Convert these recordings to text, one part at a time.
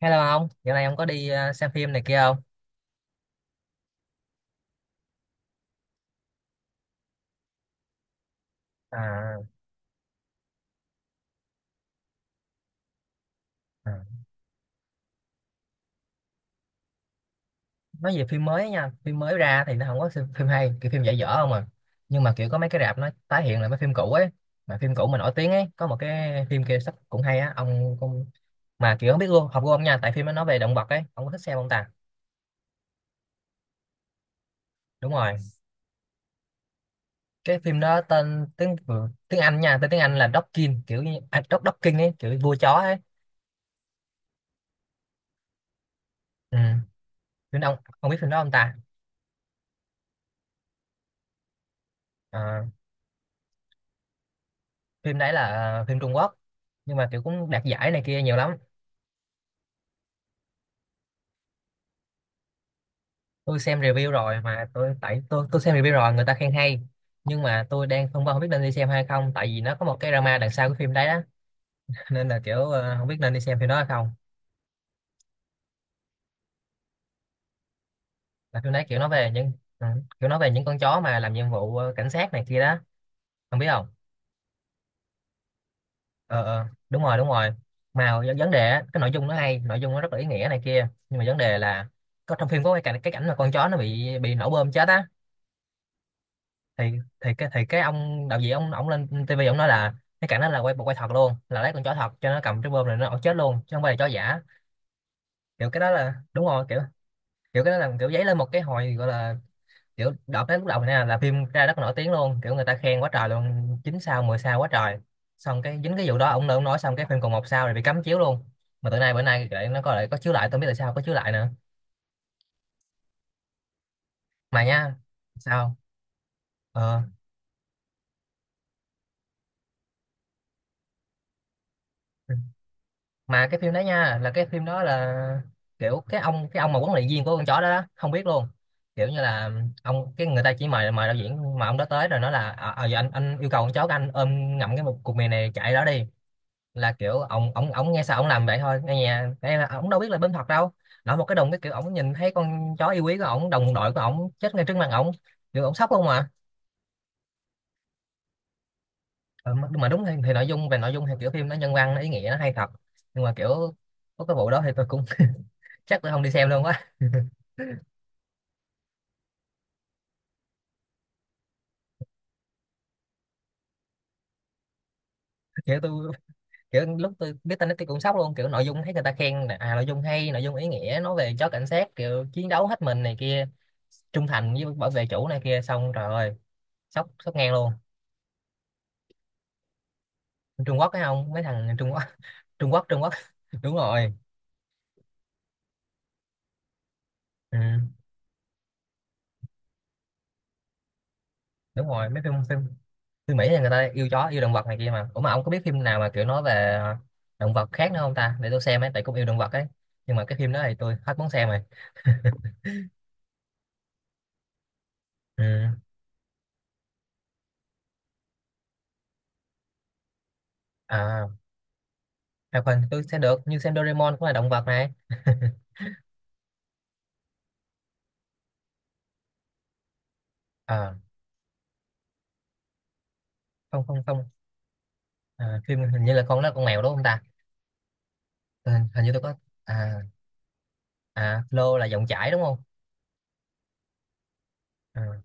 Hello ông, dạo này ông có đi xem phim này kia không? À, à, nói về phim mới nha, phim mới ra thì nó không có phim hay, kiểu phim dở dở không à. Nhưng mà kiểu có mấy cái rạp nó tái hiện lại mấy phim cũ ấy, mà phim cũ mà nổi tiếng ấy, có một cái phim kia sắp cũng hay á, ông cũng mà kiểu không biết luôn, học của ông nha, tại phim nó nói về động vật ấy, ông có thích xem không ta? Đúng rồi, cái phim đó tên tiếng tiếng Anh nha, tên tiếng Anh là Dogkin, kiểu như à, Dogkin ấy, kiểu vua chó ấy. Ừ, phim đó ông biết phim đó không ta? Ờ, phim đấy là phim Trung Quốc, nhưng mà kiểu cũng đạt giải này kia nhiều lắm. Tôi xem review rồi mà tôi tại tôi xem review rồi, người ta khen hay, nhưng mà tôi đang phân vân không biết nên đi xem hay không, tại vì nó có một cái drama đằng sau cái phim đấy đó. Nên là kiểu không biết nên đi xem phim đó hay không. Là phim đấy kiểu nói về những ừ, kiểu nói về những con chó mà làm nhiệm vụ cảnh sát này kia đó, không biết không. Ờ, đúng rồi, đúng rồi. Mà vấn đề á, cái nội dung nó hay, nội dung nó rất là ý nghĩa này kia, nhưng mà vấn đề là có trong phim có cái cảnh, cái cảnh mà con chó nó bị nổ bơm chết á. Thì cái ông đạo diễn ông lên tivi ông nói là cái cảnh đó là quay bộ quay thật luôn, là lấy con chó thật cho nó cầm cái bơm này, nó ổng chết luôn chứ không phải là chó giả. Kiểu cái đó là đúng rồi, kiểu kiểu cái đó là kiểu giấy lên một cái hồi, gọi là kiểu đợt đến lúc đầu này nè là phim ra rất là nổi tiếng luôn, kiểu người ta khen quá trời luôn, chín sao 10 sao quá trời. Xong cái dính cái vụ đó ông nói, ông nói xong cái phim còn một sao rồi bị cấm chiếu luôn. Mà từ nay bữa nay lại nó có lại có chiếu lại, tôi không biết tại sao có chiếu lại nữa. Mà nha, sao, ờ mà cái phim đó nha là cái phim đó là kiểu cái ông, cái ông mà huấn luyện viên của con chó đó, đó không biết luôn, kiểu như là ông cái người ta chỉ mời mời đạo diễn mà ông đó tới rồi nói là à, à, giờ anh yêu cầu con chó của anh ôm ngậm cái một cục mì này chạy đó đi. Là kiểu ông nghe sao ông làm vậy thôi, nghe nhà cái ông đâu biết là bên thật đâu. Nói một cái đồng cái, kiểu ông nhìn thấy con chó yêu quý của ông, đồng đội của ông chết ngay trước mặt ông, kiểu ông sốc không à. Ờ, mà đúng thì nội dung, về nội dung thì kiểu phim nó nhân văn, nó ý nghĩa, nó hay thật, nhưng mà kiểu có cái vụ đó thì tôi cũng chắc tôi không đi xem luôn quá. Kiểu tôi, kiểu lúc tôi biết tin đó tôi cũng sốc luôn, kiểu nội dung thấy người ta khen là, à nội dung hay, nội dung ý nghĩa, nói về chó cảnh sát kiểu chiến đấu hết mình này kia, trung thành với bảo vệ chủ này kia, xong trời ơi, sốc sốc ngang luôn. Trung Quốc phải không, mấy thằng Trung Quốc. Trung Quốc, Trung Quốc. Đúng rồi. Ừ, đúng rồi, mấy phim, phim Mỹ thì người ta yêu chó, yêu động vật này kia, mà ủa mà ông có biết phim nào mà kiểu nói về động vật khác nữa không ta, để tôi xem ấy, tại cũng yêu động vật ấy, nhưng mà cái phim đó thì tôi hết muốn xem rồi. Ừ. à Hoạt hình tôi xem được, như xem Doraemon cũng là động vật này. Ờ, không không không à, phim hình như là con đó con mèo đúng không ta. Ừ, hình như tôi có, à, à Flo là dòng chảy đúng không, à,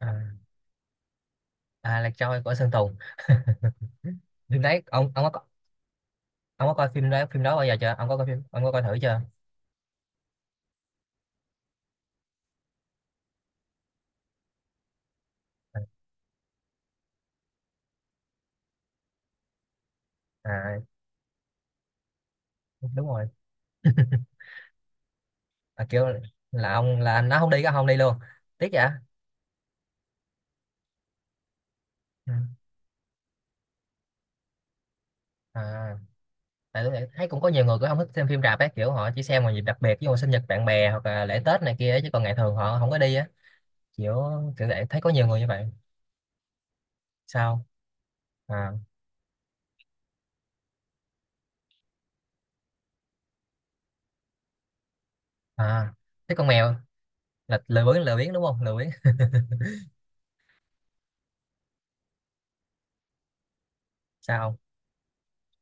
à, à là Troy của Sơn Tùng. Phim đấy ông có, ông có coi phim đó, phim đó bao giờ chưa, ông có coi phim, ông có coi thử chưa? Ờ, à đúng rồi, à, kiểu là ông là anh nó không đi, có không đi luôn, tiếc vậy. Ừ. À, tại tôi thấy cũng có nhiều người cũng không thích xem phim rạp ấy, kiểu họ chỉ xem vào dịp đặc biệt như sinh nhật bạn bè hoặc là lễ Tết này kia ấy, chứ còn ngày thường họ không có đi á, kiểu kiểu vậy, thấy có nhiều người như vậy. Sao, à à, thế con mèo là lười biếng, lười biếng đúng không, lười biếng. Sao,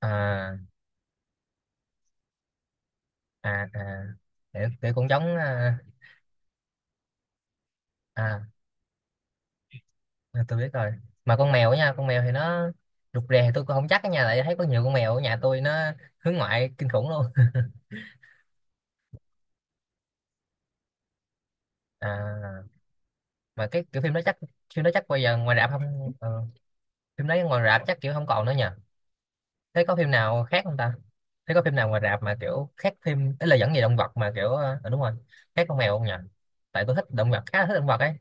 à à, à kiểu, kiểu cũng giống à, à, à, tôi biết rồi. Mà con mèo á nha, con mèo thì nó rụt rè, thì tôi cũng không chắc, ở nhà lại thấy có nhiều con mèo, ở nhà tôi nó hướng ngoại kinh khủng luôn. À, mà cái kiểu phim đó chắc, phim đó chắc bây giờ ngoài rạp không. Ừ. Phim đấy ngoài rạp chắc kiểu không còn nữa nhỉ, thế có phim nào khác không ta, thế có phim nào ngoài rạp mà kiểu khác phim ấy, là dẫn về động vật mà kiểu đúng rồi, khác con mèo không nhỉ, tại tôi thích động vật, khá là thích động vật ấy.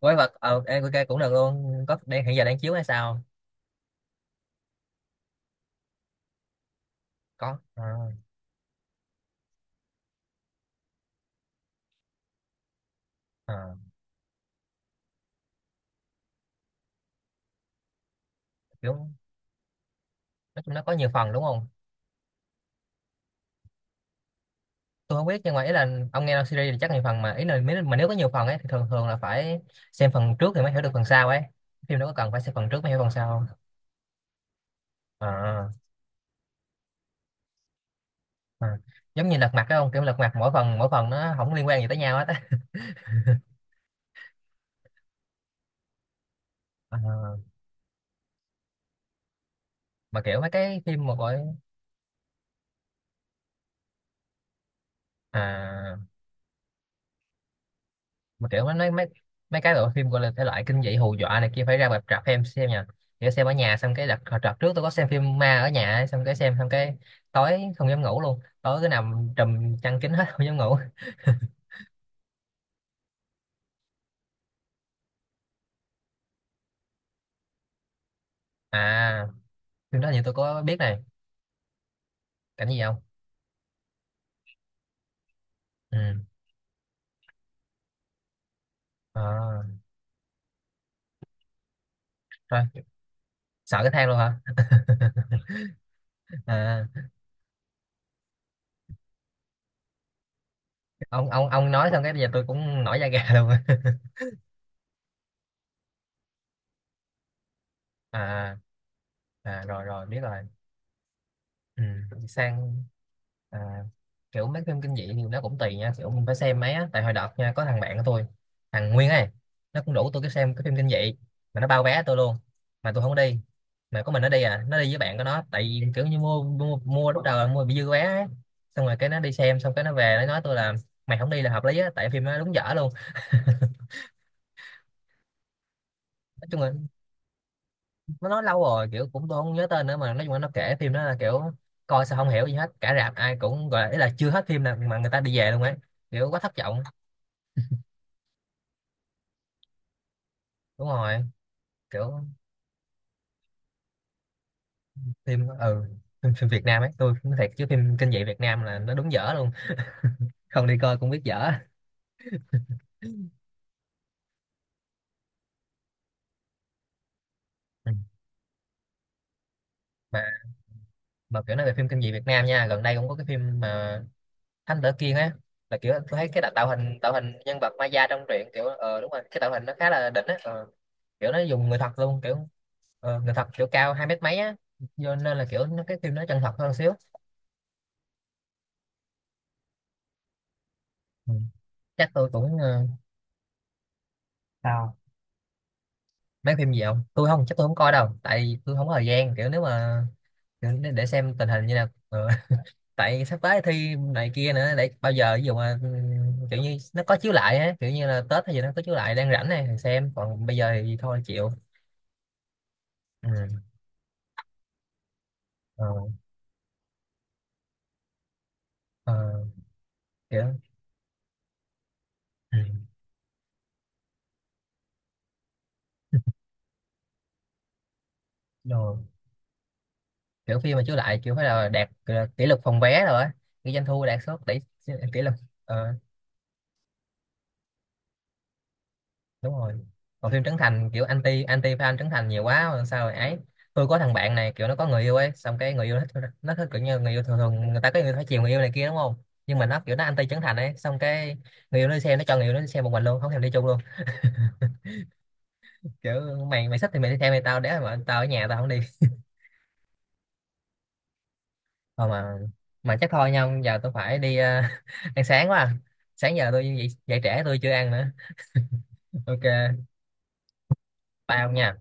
Quái vật ok cũng được luôn, có đang hiện giờ đang chiếu hay sao, có à, à, kiểu nói chung nó có nhiều phần đúng không. Tôi không biết, nhưng mà ý là ông nghe series thì chắc nhiều phần, mà ý là mà nếu có nhiều phần ấy thì thường thường là phải xem phần trước thì mới hiểu được phần sau ấy, phim đâu có cần phải xem phần trước mới hiểu phần sau không? À Ờ, giống như lật mặt, cái không kiểu lật mặt mỗi phần, mỗi phần nó không liên quan gì tới nhau hết á. Ờ, mà kiểu mấy cái phim mà gọi à, mà kiểu nó nói mấy, mấy cái bộ phim gọi là thể loại kinh dị hù dọa này kia phải ra rạp, rạp em xem nha, kiểu xem ở nhà xong cái đặt hồi đợt trước tôi có xem phim ma ở nhà ấy, xong cái xem xong cái tối không dám ngủ luôn, tối cứ nằm trùm chăn kín hết, không dám ngủ. À, phim đó thì tôi có biết này, cảnh gì không, ừ, Ờ, thôi, sợ cái thang luôn hả. À, ông nói xong cái bây giờ tôi cũng nổi da gà luôn. À, À, rồi rồi biết rồi. Ừ. Sang, à, kiểu mấy phim kinh dị thì nó cũng tùy nha, kiểu mình phải xem mấy á, tại hồi đợt nha có thằng bạn của tôi, thằng Nguyên ấy, nó cũng đủ tôi cái xem cái phim kinh dị, mà nó bao vé tôi luôn, mà tôi không đi, mà có mình nó đi, à nó đi với bạn của nó, tại vì kiểu như mua mua lúc đầu là mua bị dư vé ấy. Xong rồi cái nó đi xem xong cái nó về nó nói tôi là mày không đi là hợp lý á, tại phim nó đúng dở luôn. Nói chung là nó nói lâu rồi, kiểu cũng tôi không nhớ tên nữa, mà nói chung là nó kể phim đó là kiểu coi sao không hiểu gì hết, cả rạp ai cũng gọi là, ý là chưa hết phim nào mà người ta đi về luôn ấy, kiểu quá thất vọng. Đúng rồi, kiểu phim, ừ, phim Việt Nam ấy, tôi nói thiệt chứ phim kinh dị Việt Nam là nó đúng dở luôn, không đi coi cũng biết dở. Ừ. mà mà kiểu nói về phim kinh dị Việt Nam nha, gần đây cũng có cái phim mà Thám Tử Kiên á, là kiểu tôi thấy cái tạo, tạo hình nhân vật Maya trong truyện kiểu ờ đúng rồi cái tạo hình nó khá là đỉnh á, ờ, kiểu nó dùng người thật luôn, kiểu người thật kiểu cao hai mét mấy á, do nên là kiểu nó cái phim nó chân thật hơn xíu. Ừ. Chắc tôi cũng sao mấy phim gì không, tôi không chắc, tôi không coi đâu, tại tôi không có thời gian, kiểu nếu mà kiểu để xem tình hình như nào. Ờ, tại sắp tới thi này kia nữa, để bao giờ ví dụ mà kiểu như nó có chiếu lại á, kiểu như là Tết hay gì nó có chiếu lại đang rảnh này thì xem, còn bây giờ thì thôi chịu. Ừ. ờ, ờ, kiểu, ừ. Rồi. Kiểu phim mà chiếu lại kiểu phải là đạt kỷ lục phòng vé rồi á, cái doanh thu đạt số tỷ, kỷ lục. Ờ, đúng rồi, còn phim Trấn Thành kiểu anti anti fan Trấn Thành nhiều quá rồi sao rồi ấy. Tôi có thằng bạn này kiểu nó có người yêu ấy, xong cái người yêu nó thích, nó thích kiểu như người yêu, thường thường người ta có người phải chiều người yêu này kia đúng không, nhưng mà nó kiểu nó anti Trấn Thành ấy, xong cái người yêu nó đi xem, nó cho người yêu nó đi xem một mình luôn, không thèm đi chung luôn, kiểu mày mày thích thì mày đi theo mày, tao để mà tao ở nhà tao không đi. Thôi mà chắc thôi nha, giờ tôi phải đi ăn sáng quá à. Sáng giờ tôi dậy, dậy trễ tôi chưa ăn nữa. Ok, bye ông nha.